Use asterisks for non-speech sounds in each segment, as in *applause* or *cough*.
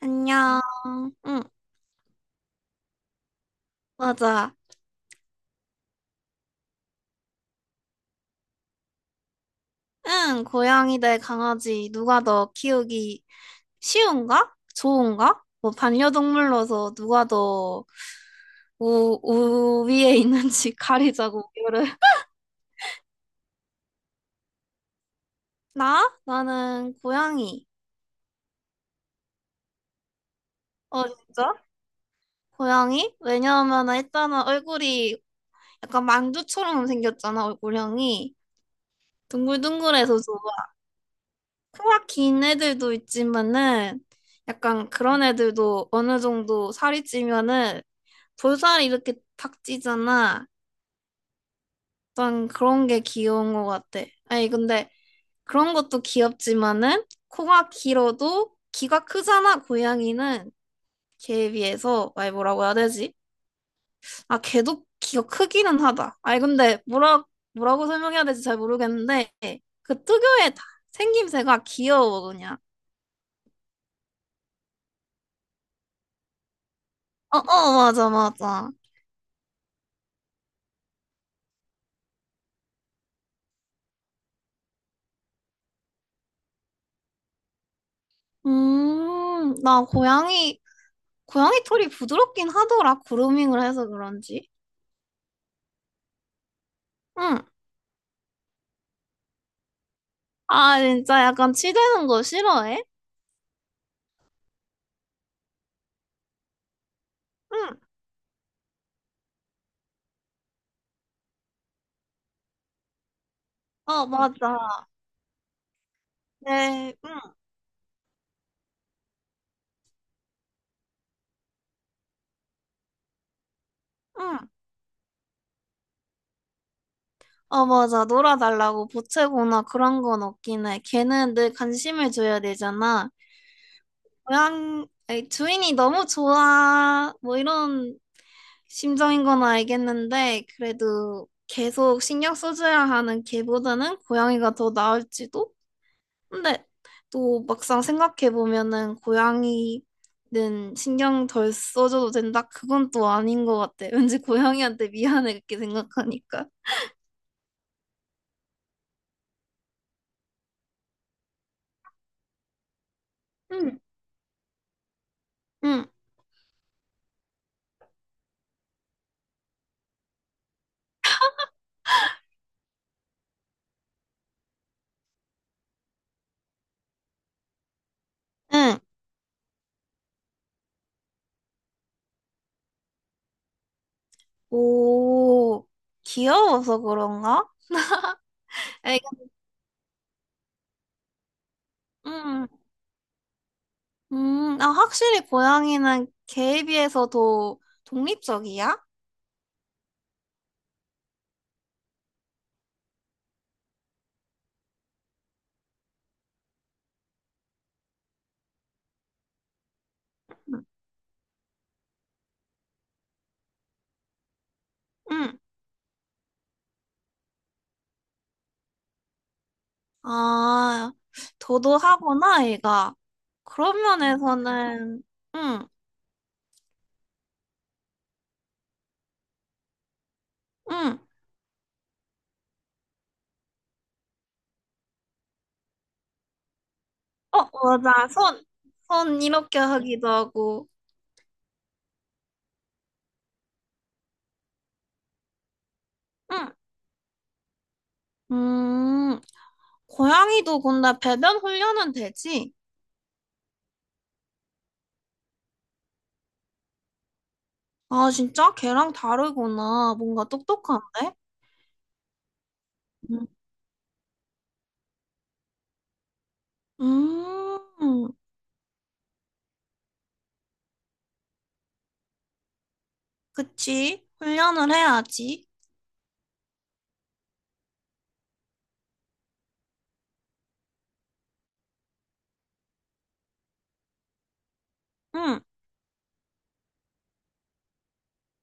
안녕. 응, 맞아. 응, 고양이 대 강아지 누가 더 키우기 쉬운가? 좋은가? 뭐 반려동물로서 누가 더 우위에 있는지 *laughs* 가리자고 이거를. 나? 나는 고양이. 어, 진짜? 고양이? 왜냐하면 일단은 얼굴이 약간 만두처럼 생겼잖아, 얼굴형이. 둥글둥글해서 좀 코가 긴 애들도 있지만은 약간 그런 애들도 어느 정도 살이 찌면은 볼살이 이렇게 탁 찌잖아. 약 그런 게 귀여운 것 같아. 아니 근데 그런 것도 귀엽지만은 코가 길어도 귀가 크잖아. 고양이는 걔에 비해서. 아니 뭐라고 해야 되지? 아, 걔도 귀가 크기는 하다. 아니 근데 뭐라고 설명해야 될지 잘 모르겠는데 그 특유의 생김새가 귀여워 그냥. 어어 맞아, 맞아. 나 고양이, 고양이 털이 부드럽긴 하더라. 그루밍을 해서 그런지. 응. 아, 진짜 약간 치대는 거 싫어해? 응. 어, 맞아. 네, 응, 응. 어, 맞아. 놀아달라고 보채거나 그런 건 없긴 해. 걔는 늘 관심을 줘야 되잖아. 고양, 아니, 주인이 너무 좋아, 뭐 이런 심정인 건 알겠는데, 그래도 계속 신경 써줘야 하는 걔보다는 고양이가 더 나을지도? 근데 또 막상 생각해 보면은 고양이는 신경 덜 써줘도 된다? 그건 또 아닌 것 같아. *laughs* 왠지 고양이한테 미안해 그렇게 생각하니까. 응. 응, 응. 오, 귀여워서 그런가? 에이. 음, 아, 확실히 고양이는 개에 비해서 더 독립적이야? 응, 응. 아, 도도하구나, 얘가. 그런 면에서는, 응, 응. 어, 맞아. 손, 손 이렇게 하기도 하고. 응. 음, 고양이도 근데 배변 훈련은 되지? 아, 진짜? 걔랑 다르구나. 뭔가 똑똑한데? 음, 음, 그치. 훈련을 해야지. 응.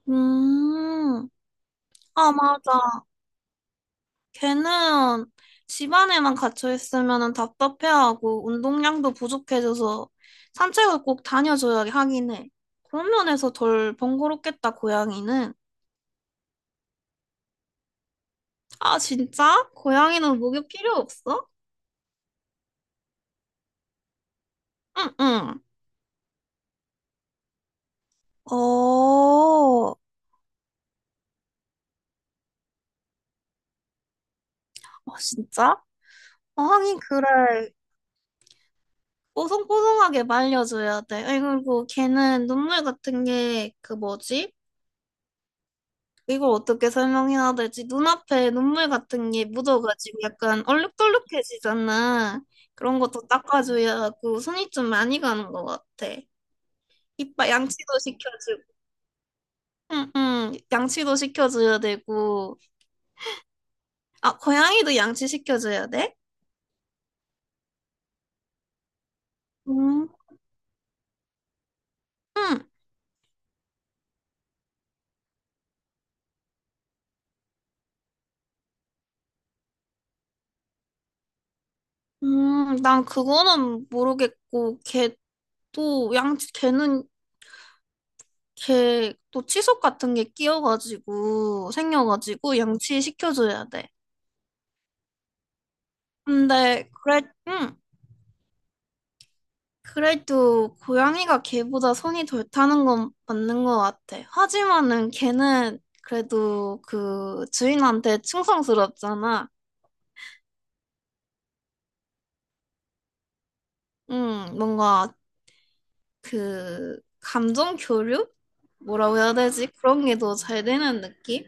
음, 아, 맞아. 걔는 집안에만 갇혀 있으면 답답해하고 운동량도 부족해져서 산책을 꼭 다녀줘야 하긴 해. 그런 면에서 덜 번거롭겠다, 고양이는. 아, 진짜? 고양이는 목욕 필요 없어? 응, 응. 어, 어, 진짜? 어, 하긴 그래. 뽀송뽀송하게 말려줘야 돼. 아이, 그리고 걔는 눈물 같은 게 그 뭐지? 이걸 어떻게 설명해야 될지, 눈앞에 눈물 같은 게 묻어가지고 약간 얼룩덜룩해지잖아. 그런 것도 닦아줘야 하고 손이 좀 많이 가는 것 같아. 이빨 양치도 시켜주고, 응, 응, 양치도 시켜줘야 되고. 아, 고양이도 양치 시켜줘야 돼? 음, 응, 난 그거는 모르겠고, 걔도 양치, 걔는 걔 또 치석 같은 게 끼어가지고 생겨가지고 양치 시켜줘야 돼. 근데 그래, 응. 그래도 고양이가 개보다 손이 덜 타는 건 맞는 것 같아. 하지만은 개는 그래도 그 주인한테 충성스럽잖아. 응, 뭔가 그 감정 교류? 뭐라고 해야 되지? 그런 게 더 잘 되는 느낌?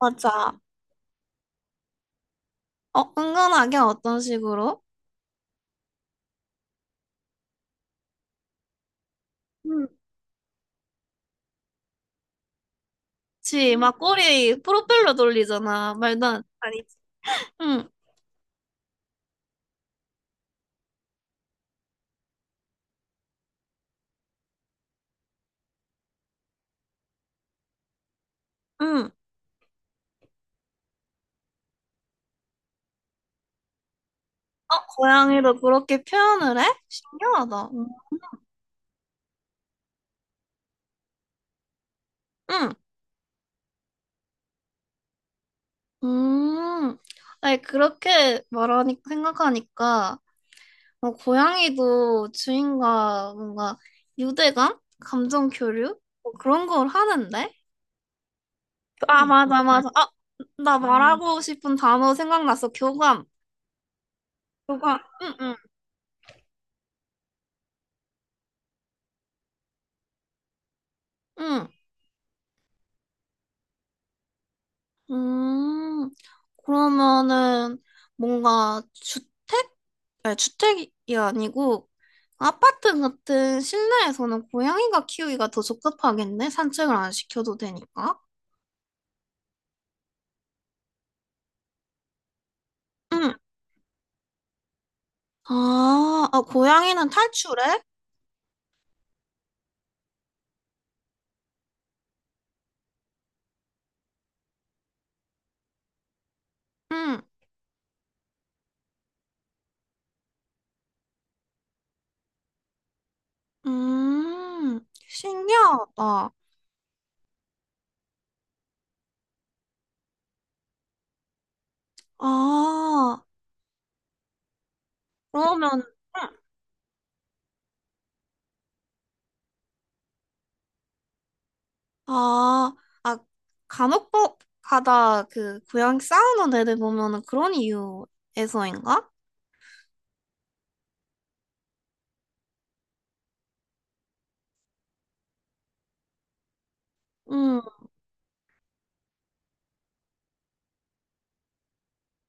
맞아. 어, 은근하게 어떤 식으로? 응. 그치, 막 꼬리 프로펠러 돌리잖아. 말도 안 아니지. 응, 응. 어, 고양이도 그렇게 표현을 해? 신기하다. 응. 응. 음. 아니, 그렇게 말하니, 생각하니까, 어, 고양이도 주인과 뭔가 유대감? 감정 교류? 뭐 그런 걸 하는데? 아, 맞아, 맞아. 아, 나 말하고 싶은 단어 생각났어. 교감. 교감. 응, 응, 응. 음, 그러면은 뭔가 주택? 아니, 주택이 아니고 아파트 같은 실내에서는 고양이가 키우기가 더 적합하겠네. 산책을 안 시켜도 되니까. 응. 아, 아, 고양이는 탈출해? 응. 신기하다. 아, 그러면, 응. 아, 아, 간혹 가다 그 고양이 싸우는 애들 보면은 그런 이유에서인가? 응,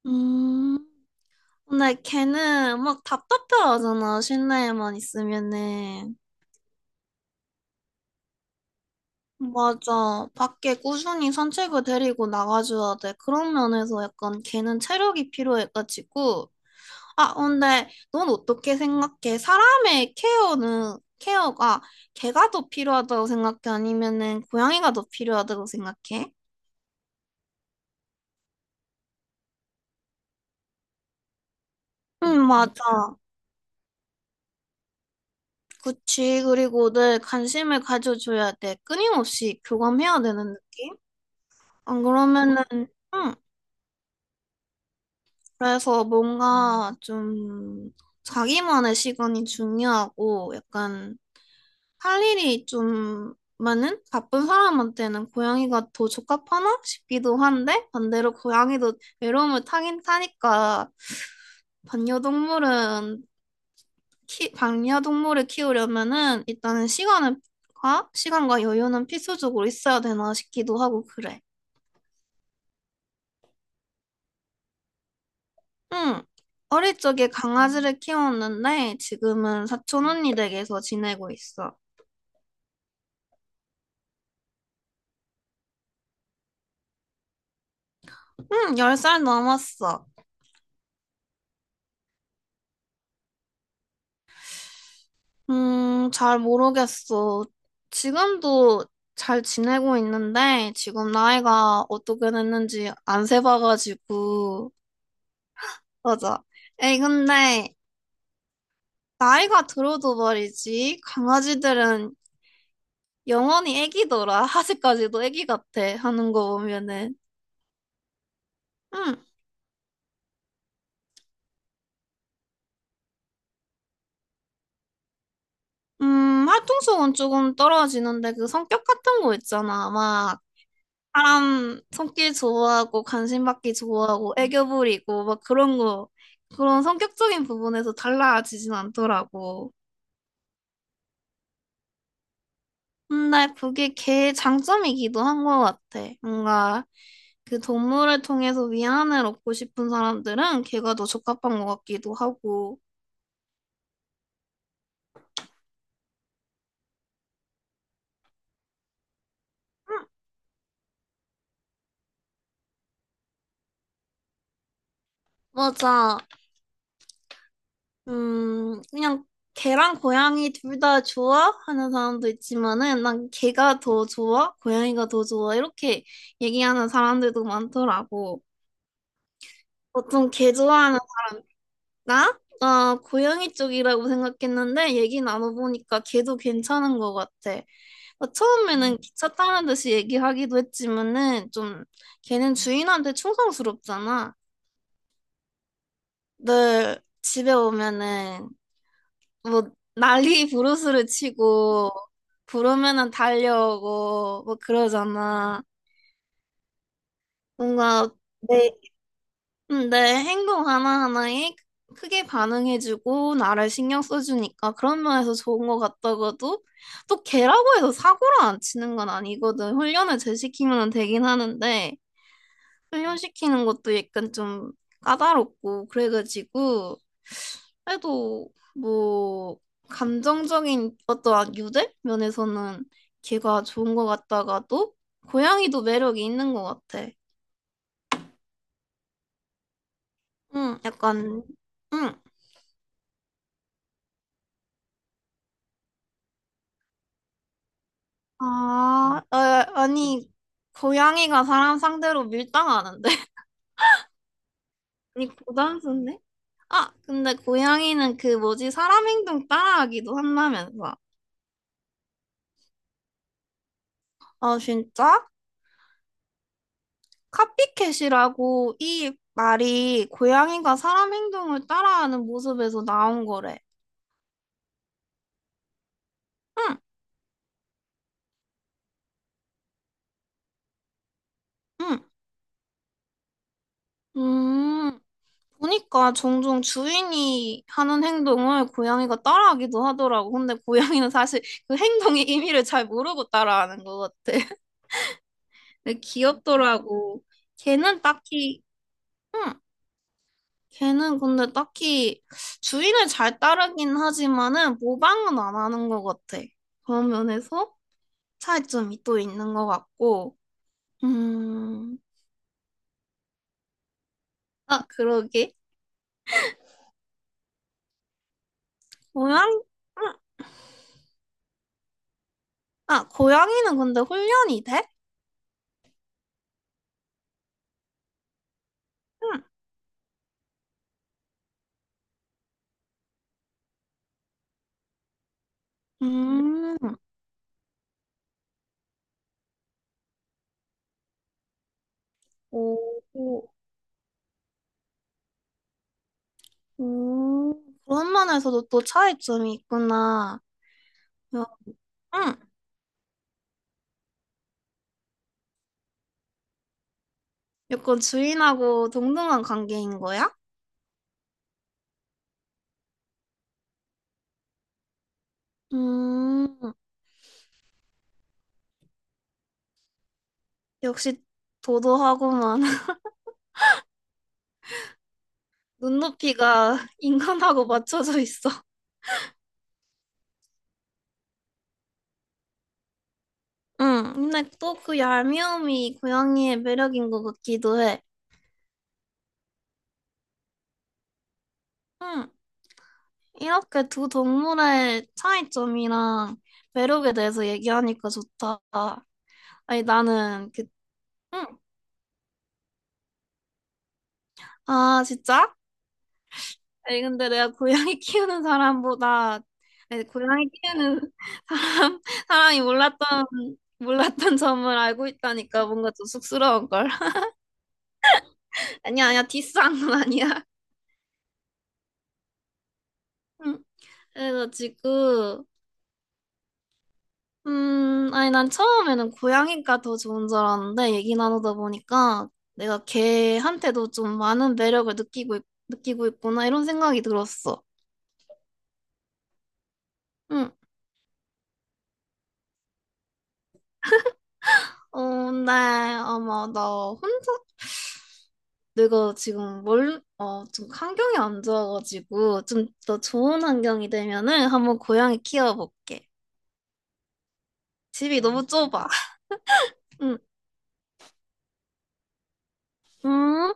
음. 근데 걔는 막 답답해하잖아, 실내에만 있으면은. 맞아. 밖에 꾸준히 산책을 데리고 나가줘야 돼. 그런 면에서 약간 걔는 체력이 필요해가지고. 아, 근데 넌 어떻게 생각해? 사람의 케어는, 케어가 개가 더 필요하다고 생각해? 아니면은 고양이가 더 필요하다고 생각해? 응, 맞아. 그치. 그리고 늘 관심을 가져줘야 돼. 끊임없이 교감해야 되는 느낌? 안 그러면은, 응. 그래서 뭔가 좀 자기만의 시간이 중요하고 약간 할 일이 좀 많은 바쁜 사람한테는 고양이가 더 적합하나 싶기도 한데, 반대로 고양이도 외로움을 타긴 타니까 반려동물은 반려동물을 키우려면은 일단은 시간을 과 시간과 여유는 필수적으로 있어야 되나 싶기도 하고 그래. 응. 어릴 적에 강아지를 키웠는데 지금은 사촌 언니 댁에서 지내고 있어. 응, 10살 넘었어. 잘 모르겠어. 지금도 잘 지내고 있는데 지금 나이가 어떻게 됐는지 안 세봐가지고. 맞아. 에이, 근데 나이가 들어도 말이지, 강아지들은 영원히 애기더라. *laughs* 아직까지도 애기 같아 하는 거 보면은. 응. 활동성은 조금 떨어지는데 그 성격 같은 거 있잖아. 막 사람 손길 좋아하고 관심 받기 좋아하고 애교 부리고 막 그런 거, 그런 성격적인 부분에서 달라지진 않더라고. 근데 그게 걔의 장점이기도 한 것 같아. 뭔가 그 동물을 통해서 위안을 얻고 싶은 사람들은 걔가 더 적합한 것 같기도 하고. 음, 맞아. 그냥 개랑 고양이 둘 다 좋아? 하는 사람도 있지만은 난 개가 더 좋아? 고양이가 더 좋아? 이렇게 얘기하는 사람들도 많더라고. 보통 개 좋아하는. 나? 나 고양이 쪽이라고 생각했는데 얘기 나눠보니까 개도 괜찮은 것 같아. 나 처음에는 기차 타는 듯이 얘기하기도 했지만은 좀 걔는 주인한테 충성스럽잖아. 늘 집에 오면은 뭐 난리 부르스를 치고 부르면은 달려오고 뭐 그러잖아. 뭔가 내 내 행동 하나하나에 크게 반응해주고 나를 신경 써주니까 그런 면에서 좋은 것 같다고도. 또 걔라고 해서 사고를 안 치는 건 아니거든. 훈련을 재시키면 되긴 하는데 훈련시키는 것도 약간 좀 까다롭고 그래가지고, 그래도 뭐 감정적인 어떠한 유대 면에서는 걔가 좋은 것 같다가도 고양이도 매력이 있는 것 같아. 응, 약간 응. 아, 어, 아니, 고양이가 사람 상대로 밀당하는데? *laughs* 아니 고단수인데? 아, 근데 고양이는 그 뭐지, 사람 행동 따라하기도 한다면서. 아, 진짜? 카피캣이라고 이 말이 고양이가 사람 행동을 따라하는 모습에서 나온 거래. 응, 응. 음, 보니까 종종 주인이 하는 행동을 고양이가 따라하기도 하더라고. 근데 고양이는 사실 그 행동의 의미를 잘 모르고 따라하는 것 같아. *laughs* 근데 귀엽더라고. 걔는 딱히, 응. 걔는 근데 딱히 주인을 잘 따르긴 하지만은 모방은 안 하는 것 같아. 그런 면에서 차이점이 또 있는 것 같고, 음, 아, 그러게. 고양이, 음, 아, 고양이는 근데 훈련이 돼? 음, 음, 오, 오, 오. 그런 면에서도 또 차이점이 있구나. 야, 음, 약간 주인하고 동등한 관계인 거야? 음, 역시 도도하고만 *laughs* 눈높이가 인간하고 맞춰져 있어. 응, 근데 또 그 얄미움이 고양이의 매력인 것 같기도 해. 응, 이렇게 두 동물의 차이점이랑 매력에 대해서 얘기하니까 좋다. 아니, 나는 그, 응. 아, 진짜? 아니, 근데 내가 고양이 키우는 사람보다, 아니, 고양이 키우는 *laughs* 사람, 사람이 몰랐던, 몰랐던 점을 알고 있다니까 뭔가 좀 쑥스러운걸. *laughs* 아니야, 아니야, 디스한 건 아니야. 응. 그래가지고, 아니, 난 처음에는 고양이가 더 좋은 줄 알았는데, 얘기 나누다 보니까 내가 걔한테도 좀 많은 매력을 느끼고 있구나, 이런 생각이 들었어. 응. 어, 네, 아마 나 혼자, 내가 지금 뭘, 어, 좀 환경이 안 좋아가지고, 좀 더 좋은 환경이 되면은 한번 고양이 키워볼게. 집이 너무 좁아. *laughs* 응. 음?